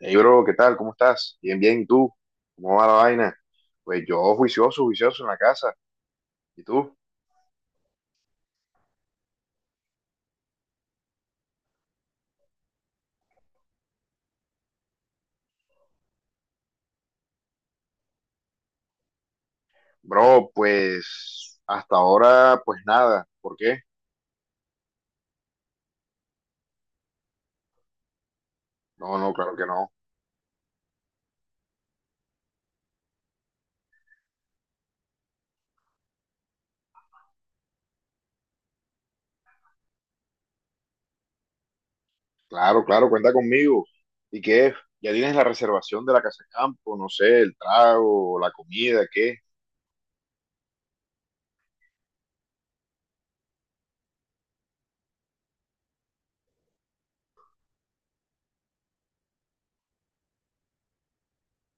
Hey, bro, ¿qué tal? ¿Cómo estás? Bien, bien. ¿Y tú? ¿Cómo va la vaina? Pues yo juicioso, juicioso en la casa. ¿Y tú? Bro, pues hasta ahora, pues nada. ¿Por qué? No, no, claro que no. Claro, claro, cuenta conmigo. ¿Y qué? ¿Ya tienes la reservación de la casa de campo? No sé, el trago, la comida, ¿qué?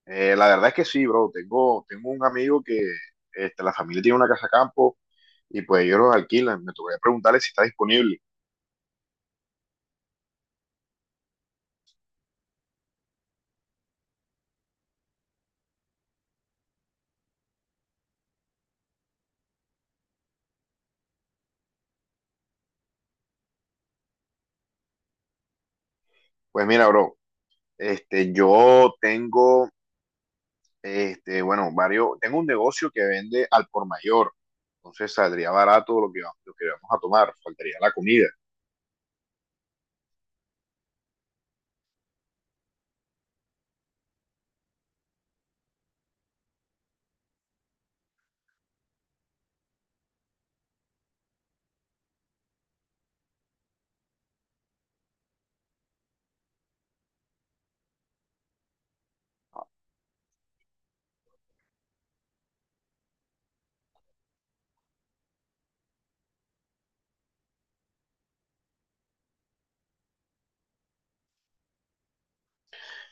La verdad es que sí, bro. Tengo un amigo que este, la familia tiene una casa de campo y pues ellos los alquilan. Me tocaría preguntarle si está disponible. Pues mira, bro, este, yo tengo... Este, bueno, varios, tengo un negocio que vende al por mayor, entonces saldría barato lo que vamos a tomar, faltaría la comida.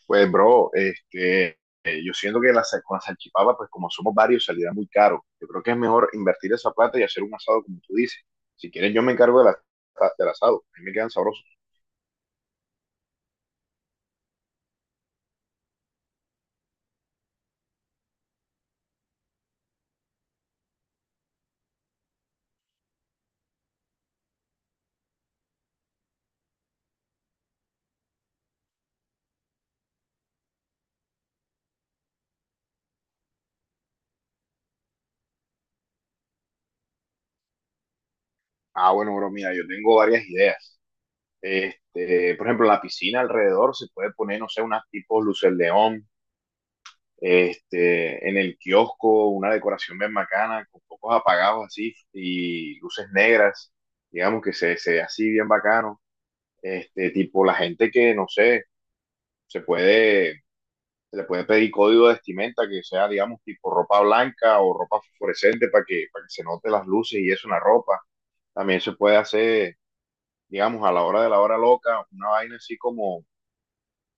Pues, bro, este, yo siento que con la salchipapa, pues como somos varios, saldrá muy caro. Yo creo que es mejor invertir esa plata y hacer un asado, como tú dices. Si quieres, yo me encargo del asado, a mí me quedan sabrosos. Ah, bueno, bro, mira, yo tengo varias ideas. Este, por ejemplo, la piscina alrededor se puede poner, no sé, unas tipo luces león este, en el kiosco, una decoración bien bacana, con focos apagados así y luces negras, digamos que se ve así bien bacano. Este, tipo la gente que, no sé, se puede, se le puede pedir código de vestimenta que sea, digamos, tipo ropa blanca o ropa fluorescente para que se note las luces y eso en la ropa. También se puede hacer, digamos, a la hora de la hora loca, una vaina así como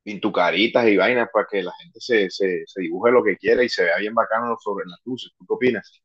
pintucaritas y vainas para que la gente se dibuje lo que quiera y se vea bien bacano sobre las luces. ¿Tú qué opinas?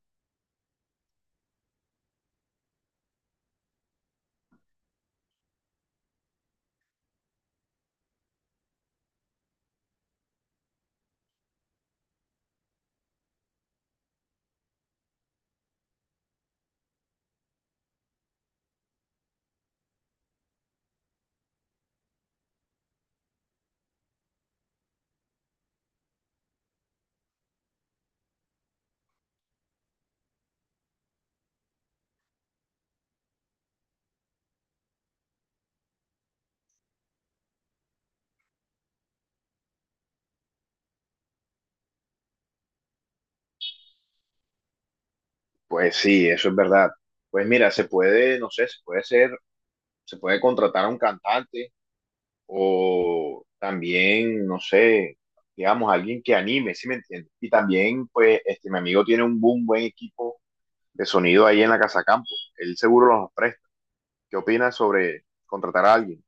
Pues sí, eso es verdad. Pues mira, se puede, no sé, se puede contratar a un cantante o también, no sé, digamos, alguien que anime, ¿sí me entiendes? Y también, pues, este, mi amigo tiene un buen equipo de sonido ahí en la Casa Campo. Él seguro los presta. ¿Qué opinas sobre contratar a alguien?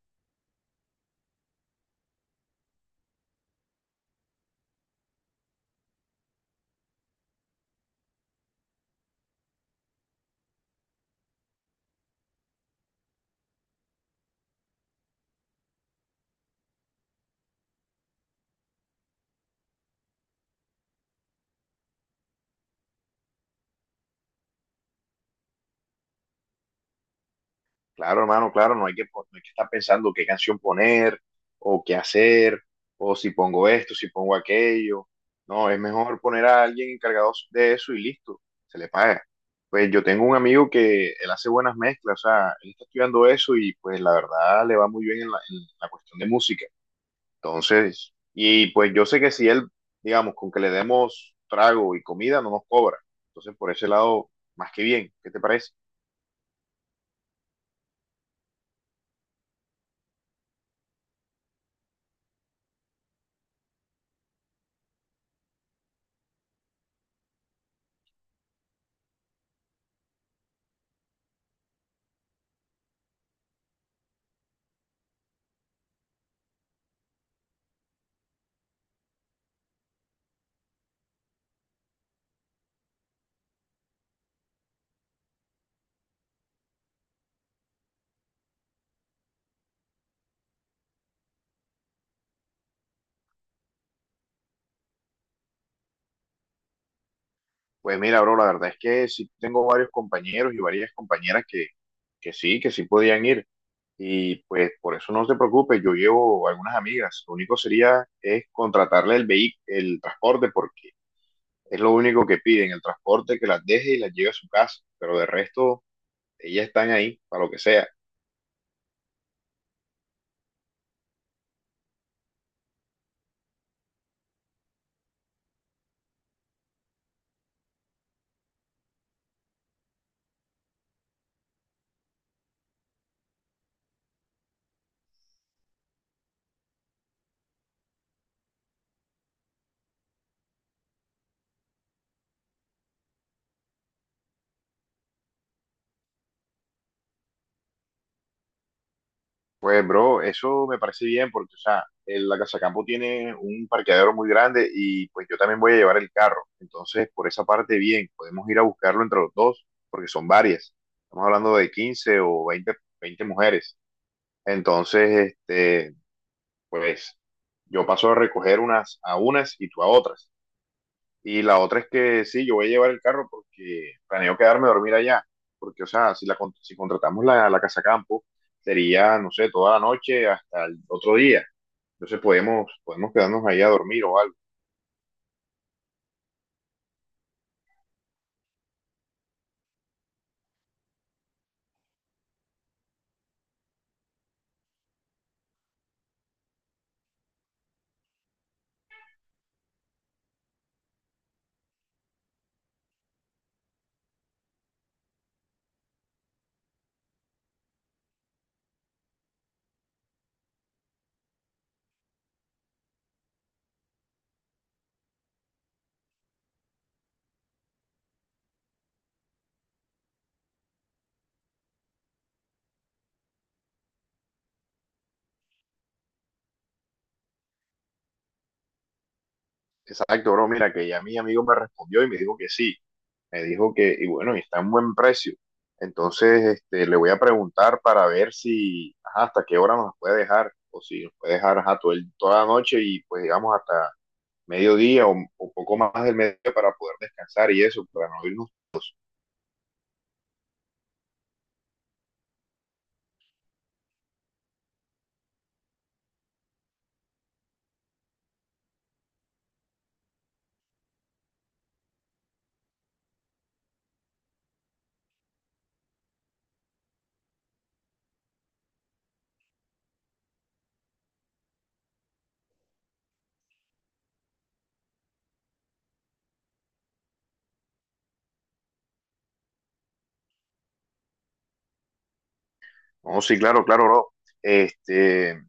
Claro, hermano, claro, no hay que estar pensando qué canción poner o qué hacer, o si pongo esto, si pongo aquello. No, es mejor poner a alguien encargado de eso y listo, se le paga. Pues yo tengo un amigo que él hace buenas mezclas, o sea, él está estudiando eso y pues la verdad le va muy bien en la cuestión de música. Entonces, y pues yo sé que si él, digamos, con que le demos trago y comida, no nos cobra. Entonces, por ese lado, más que bien, ¿qué te parece? Pues mira, bro, la verdad es que sí tengo varios compañeros y varias compañeras que sí, que sí podían ir. Y pues por eso no se preocupe, yo llevo algunas amigas. Lo único sería es contratarle el transporte, porque es lo único que piden, el transporte que las deje y las lleve a su casa. Pero de resto, ellas están ahí para lo que sea. Pues, bro, eso me parece bien porque, o sea, la Casa Campo tiene un parqueadero muy grande y pues yo también voy a llevar el carro. Entonces, por esa parte, bien, podemos ir a buscarlo entre los dos porque son varias. Estamos hablando de 15 o 20, 20 mujeres. Entonces, este, pues yo paso a recoger unas a unas y tú a otras. Y la otra es que sí, yo voy a llevar el carro porque planeo quedarme a dormir allá. Porque, o sea, si contratamos la casa campo, sería, no sé, toda la noche hasta el otro día. Entonces podemos quedarnos ahí a dormir o algo. Exacto, bro. Mira, que ya mi amigo me respondió y me dijo que sí. Me dijo que, y bueno, y está en buen precio. Entonces, este, le voy a preguntar para ver si, ajá, hasta qué hora nos puede dejar. O si nos puede dejar, ajá, toda la noche y pues digamos hasta mediodía o poco más del mediodía para poder descansar y eso, para no irnos. No, sí, claro, claro, bro. Este,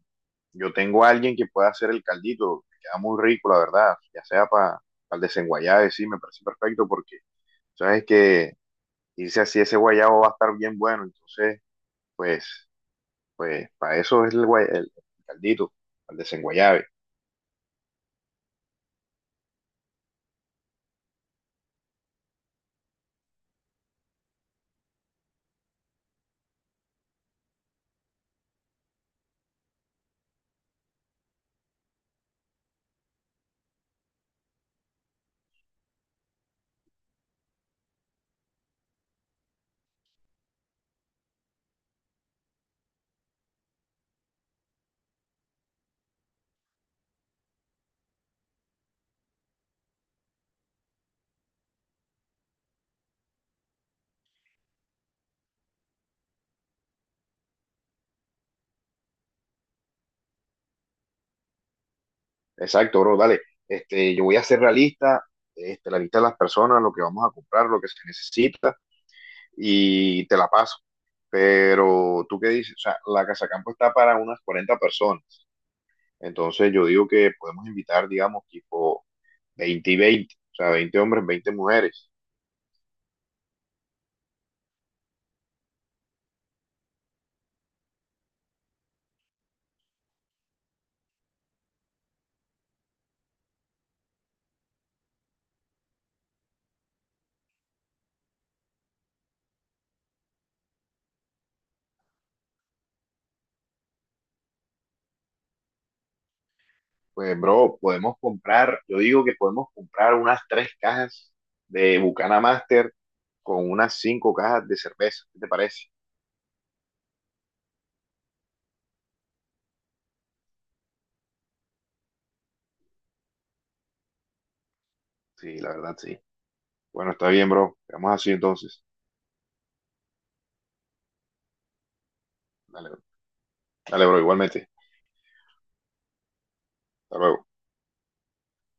yo tengo a alguien que pueda hacer el caldito, que queda muy rico, la verdad, ya sea para el desenguayabe, sí, me parece perfecto porque sabes que irse así ese guayabo va a estar bien bueno, entonces, pues, pues, para eso es el caldito, al desenguayabe. Exacto, bro, dale. Este, yo voy a hacer la lista, este, la lista de las personas, lo que vamos a comprar, lo que se necesita, y te la paso. Pero tú qué dices, o sea, la casa campo está para unas 40 personas. Entonces yo digo que podemos invitar, digamos, tipo 20 y 20, o sea, 20 hombres, 20 mujeres. Pues, bro, yo digo que podemos comprar unas tres cajas de Bucana Master con unas cinco cajas de cerveza. ¿Qué te parece? Sí, la verdad, sí. Bueno, está bien, bro. Quedamos así entonces. Dale, bro. Dale, bro, igualmente. Hasta luego.